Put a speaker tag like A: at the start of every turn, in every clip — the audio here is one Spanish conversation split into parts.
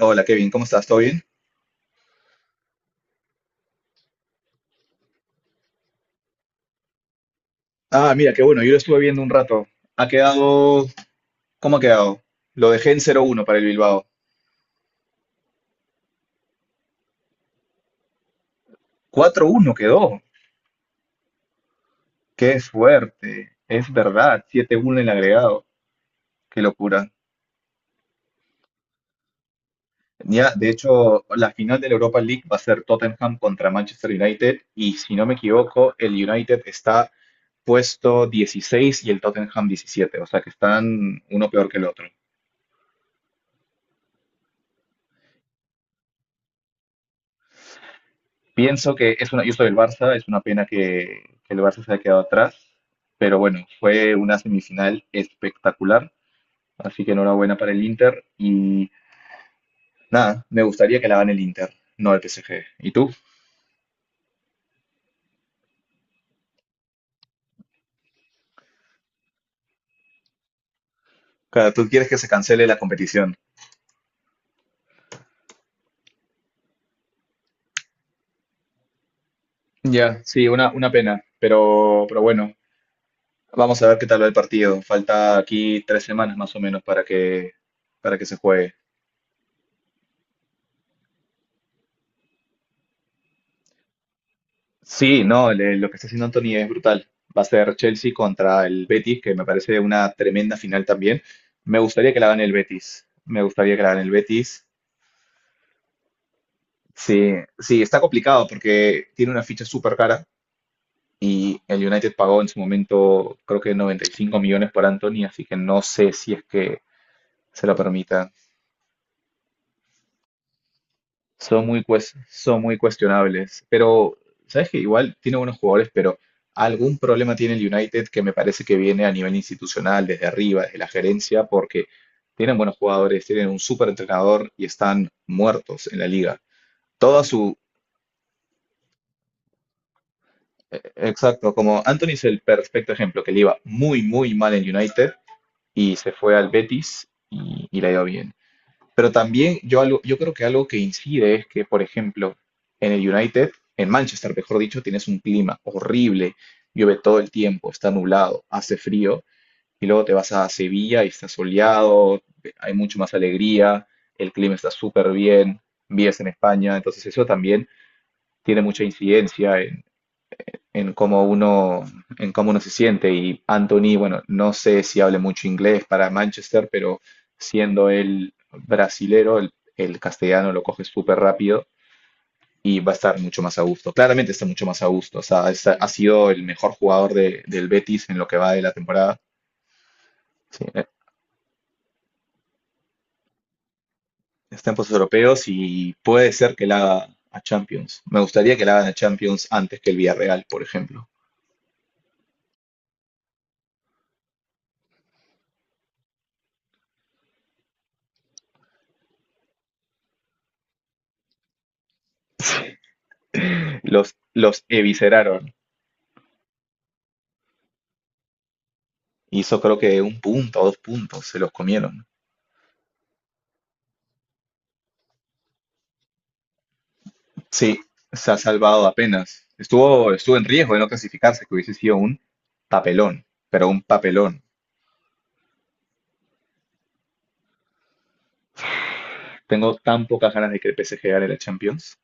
A: Hola Kevin, ¿cómo estás? ¿Todo bien? Ah, mira, qué bueno, yo lo estuve viendo un rato. Ha quedado... ¿Cómo ha quedado? Lo dejé en 0-1 para el Bilbao. 4-1 quedó. Qué fuerte. Es verdad, 7-1 en el agregado. Qué locura. Ya, de hecho, la final de la Europa League va a ser Tottenham contra Manchester United y si no me equivoco, el United está puesto 16 y el Tottenham 17. O sea que están uno peor que el otro. Pienso que es una, yo soy del Barça, es una pena que el Barça se haya quedado atrás. Pero bueno, fue una semifinal espectacular, así que enhorabuena para el Inter y nada, me gustaría que la gane el Inter, no el PSG. ¿Y tú? Claro, tú quieres que se cancele la competición. Ya, sí, una pena, pero bueno, vamos a ver qué tal va el partido. Falta aquí 3 semanas más o menos para que se juegue. Sí, no, lo que está haciendo Anthony es brutal. Va a ser Chelsea contra el Betis, que me parece una tremenda final también. Me gustaría que la gane el Betis. Me gustaría que la gane el Betis. Sí, sí, está complicado porque tiene una ficha súper cara y el United pagó en su momento creo que 95 millones por Anthony, así que no sé si es que se lo permita. Son muy cuestionables, pero sabes que igual tiene buenos jugadores, pero algún problema tiene el United que me parece que viene a nivel institucional, desde arriba, desde la gerencia, porque tienen buenos jugadores, tienen un súper entrenador y están muertos en la liga. Exacto, como Anthony es el perfecto ejemplo, que le iba muy, muy mal en United y se fue al Betis y le ha ido bien. Pero también yo, algo, yo creo que algo que incide es que, por ejemplo, en el United, en Manchester, mejor dicho, tienes un clima horrible, llueve todo el tiempo, está nublado, hace frío, y luego te vas a Sevilla y está soleado, hay mucho más alegría, el clima está súper bien, vives en España, entonces eso también tiene mucha incidencia en cómo uno, en cómo uno se siente. Y Anthony, bueno, no sé si hable mucho inglés para Manchester, pero siendo él brasilero, el castellano lo coge súper rápido y va a estar mucho más a gusto. Claramente está mucho más a gusto. O sea, ha sido el mejor jugador del Betis en lo que va de la temporada. Sí, está en puestos europeos y puede ser que la haga a Champions. Me gustaría que la hagan a Champions antes que el Villarreal, por ejemplo. Los evisceraron. Hizo creo que un punto o dos puntos, se los comieron. Sí, se ha salvado apenas. Estuvo en riesgo de no clasificarse, que hubiese sido un papelón, pero un papelón. Tengo tan pocas ganas de que el PSG gane la Champions.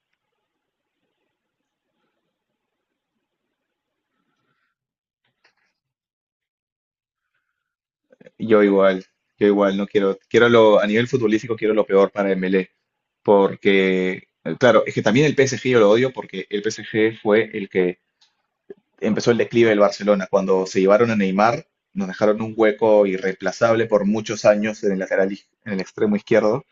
A: Yo igual, yo igual no quiero lo, a nivel futbolístico quiero lo peor para Dembélé, porque, claro, es que también el PSG yo lo odio porque el PSG fue el que empezó el declive del Barcelona. Cuando se llevaron a Neymar, nos dejaron un hueco irreemplazable por muchos años en el lateral, en el extremo izquierdo.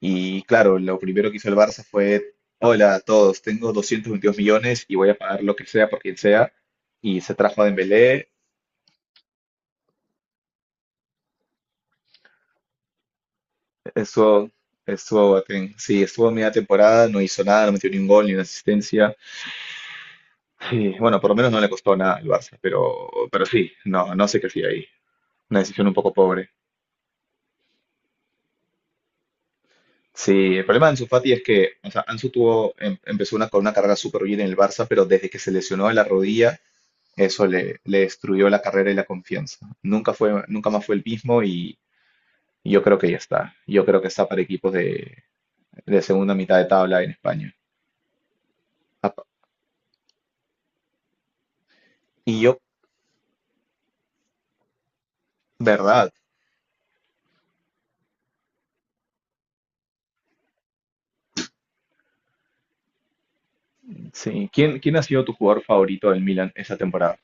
A: Y claro, lo primero que hizo el Barça fue, hola a todos, tengo 222 millones y voy a pagar lo que sea por quien sea. Y se trajo a Dembélé, eso estuvo Boateng. Sí, estuvo media temporada, no hizo nada, no metió ni un gol ni una asistencia. Sí, bueno, por lo menos no le costó nada al Barça, pero sí, no, no sé qué hacía ahí. Una decisión un poco pobre. Sí, el problema de Ansu Fati es que, o sea, Ansu tuvo, empezó con una carrera súper bien en el Barça, pero desde que se lesionó de la rodilla, eso le destruyó la carrera y la confianza. Nunca fue, nunca más fue el mismo y yo creo que ya está. Yo creo que está para equipos de segunda mitad de tabla en España. Apa- Y yo, verdad, sí. ¿Quién ha sido tu jugador favorito del Milan esta temporada?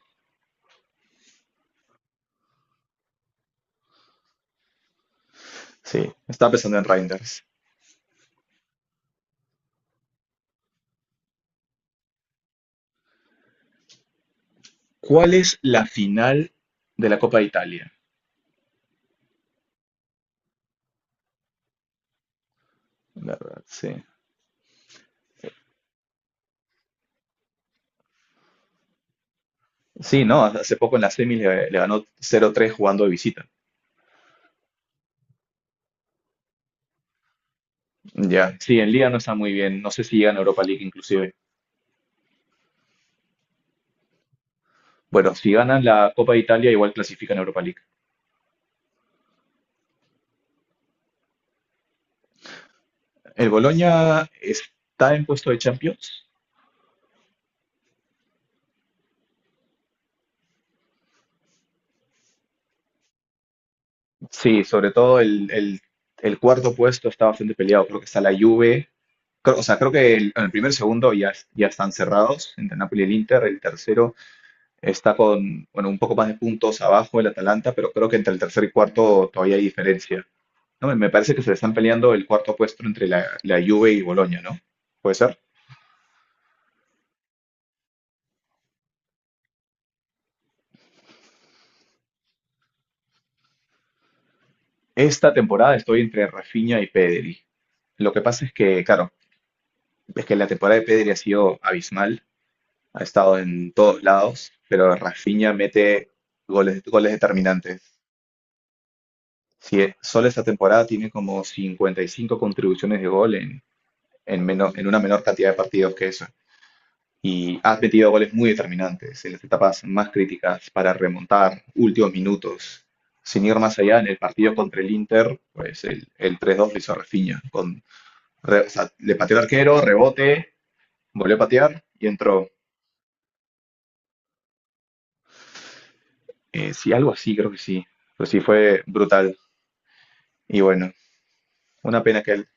A: Sí, estaba pensando en Reinders. ¿Cuál es la final de la Copa de Italia? La verdad, sí. Sí, no, hace poco en las semis le ganó 0-3 jugando de visita. Ya. Sí, en Liga no está muy bien, no sé si llegan a Europa League inclusive. Bueno, si ganan la Copa de Italia igual clasifican a Europa League. ¿El Boloña está en puesto de Champions? Sí, sobre todo el cuarto puesto está bastante peleado, creo que está la Juve, creo, o sea, creo que el, en el primer segundo ya, ya están cerrados entre Napoli y el Inter, el tercero está con, bueno, un poco más de puntos abajo el Atalanta, pero creo que entre el tercer y cuarto todavía hay diferencia. No, me parece que se están peleando el cuarto puesto entre la Juve y Boloña, ¿no? ¿Puede ser? Esta temporada estoy entre Rafinha y Pedri. Lo que pasa es que, claro, es que la temporada de Pedri ha sido abismal, ha estado en todos lados, pero Rafinha mete goles, goles determinantes. Si solo esta temporada tiene como 55 contribuciones de gol en menos, en una menor cantidad de partidos que eso. Y has metido goles muy determinantes en las etapas más críticas para remontar últimos minutos. Sin ir más allá, en el partido contra el Inter, pues el 3-2 lo hizo Rafinha. O sea, le pateó el arquero, rebote, volvió a patear y entró. Sí, algo así, creo que sí. Pero sí fue brutal. Y bueno, una pena que él.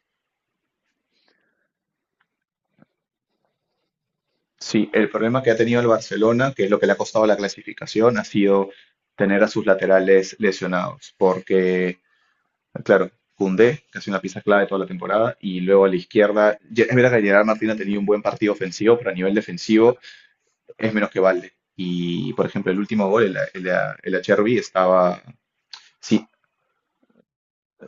A: Sí, el problema que ha tenido el Barcelona, que es lo que le ha costado la clasificación, ha sido tener a sus laterales lesionados. Porque claro, Koundé, que ha sido una pieza clave toda la temporada, y luego a la izquierda, es verdad que Gerard Martín ha tenido un buen partido ofensivo, pero a nivel defensivo es menos que Valde. Y, por ejemplo, el último gol, el Acherbi, estaba, sí,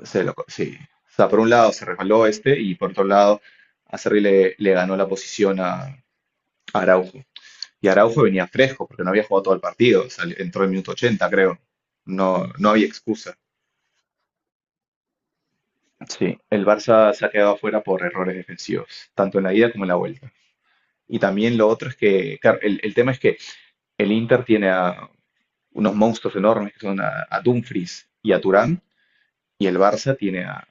A: se lo, sí. O sea, por un lado se resbaló este, y por otro lado, Acerri le ganó la posición a Araujo. Y Araujo venía fresco, porque no había jugado todo el partido, o sea, entró en el minuto 80, creo. No, no había excusa. Sí, el Barça se ha quedado afuera por errores defensivos, tanto en la ida como en la vuelta. Y también lo otro es que, claro, el tema es que el Inter tiene a unos monstruos enormes que son a, Dumfries y a Turán, y el Barça tiene a,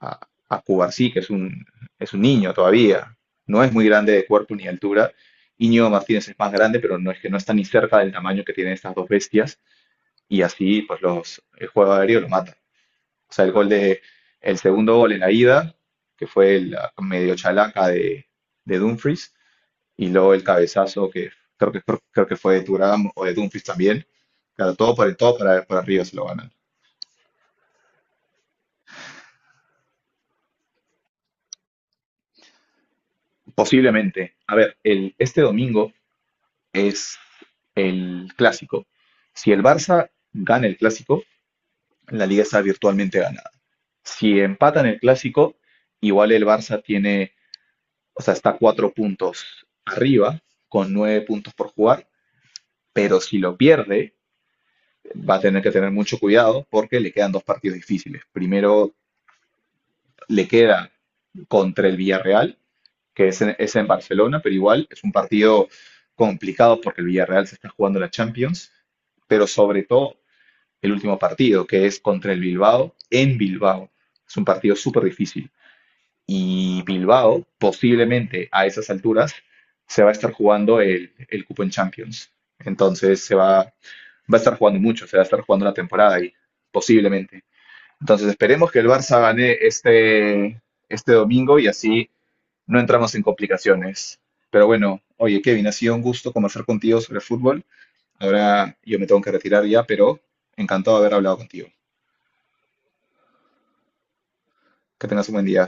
A: a, a Cubarsí, que es un niño todavía, no es muy grande de cuerpo ni de altura. Íñigo Martínez es más grande, pero no es que no está ni cerca del tamaño que tienen estas dos bestias, y así pues los, el juego aéreo lo mata. O sea, el gol de, el segundo gol en la ida, que fue la medio chalaca de Dumfries, y luego el cabezazo que creo que, creo que fue de Thuram o de Dumfries también. Claro, todo por el todo para arriba se lo ganan. Posiblemente. A ver, el, este domingo es el clásico. Si el Barça gana el clásico, la liga está virtualmente ganada. Si empatan el clásico, igual el Barça tiene, o sea, está cuatro puntos arriba, con nueve puntos por jugar, pero si lo pierde, va a tener que tener mucho cuidado porque le quedan dos partidos difíciles. Primero le queda contra el Villarreal, que es en Barcelona, pero igual es un partido complicado porque el Villarreal se está jugando la Champions, pero sobre todo el último partido, que es contra el Bilbao, en Bilbao. Es un partido súper difícil. Y Bilbao posiblemente a esas alturas se va a estar jugando el cupo en Champions. Entonces va a estar jugando mucho, se va a estar jugando la temporada ahí, posiblemente. Entonces esperemos que el Barça gane este domingo y así no entramos en complicaciones. Pero bueno, oye Kevin, ha sido un gusto conversar contigo sobre fútbol. Ahora yo me tengo que retirar ya, pero encantado de haber hablado contigo. Que tengas un buen día.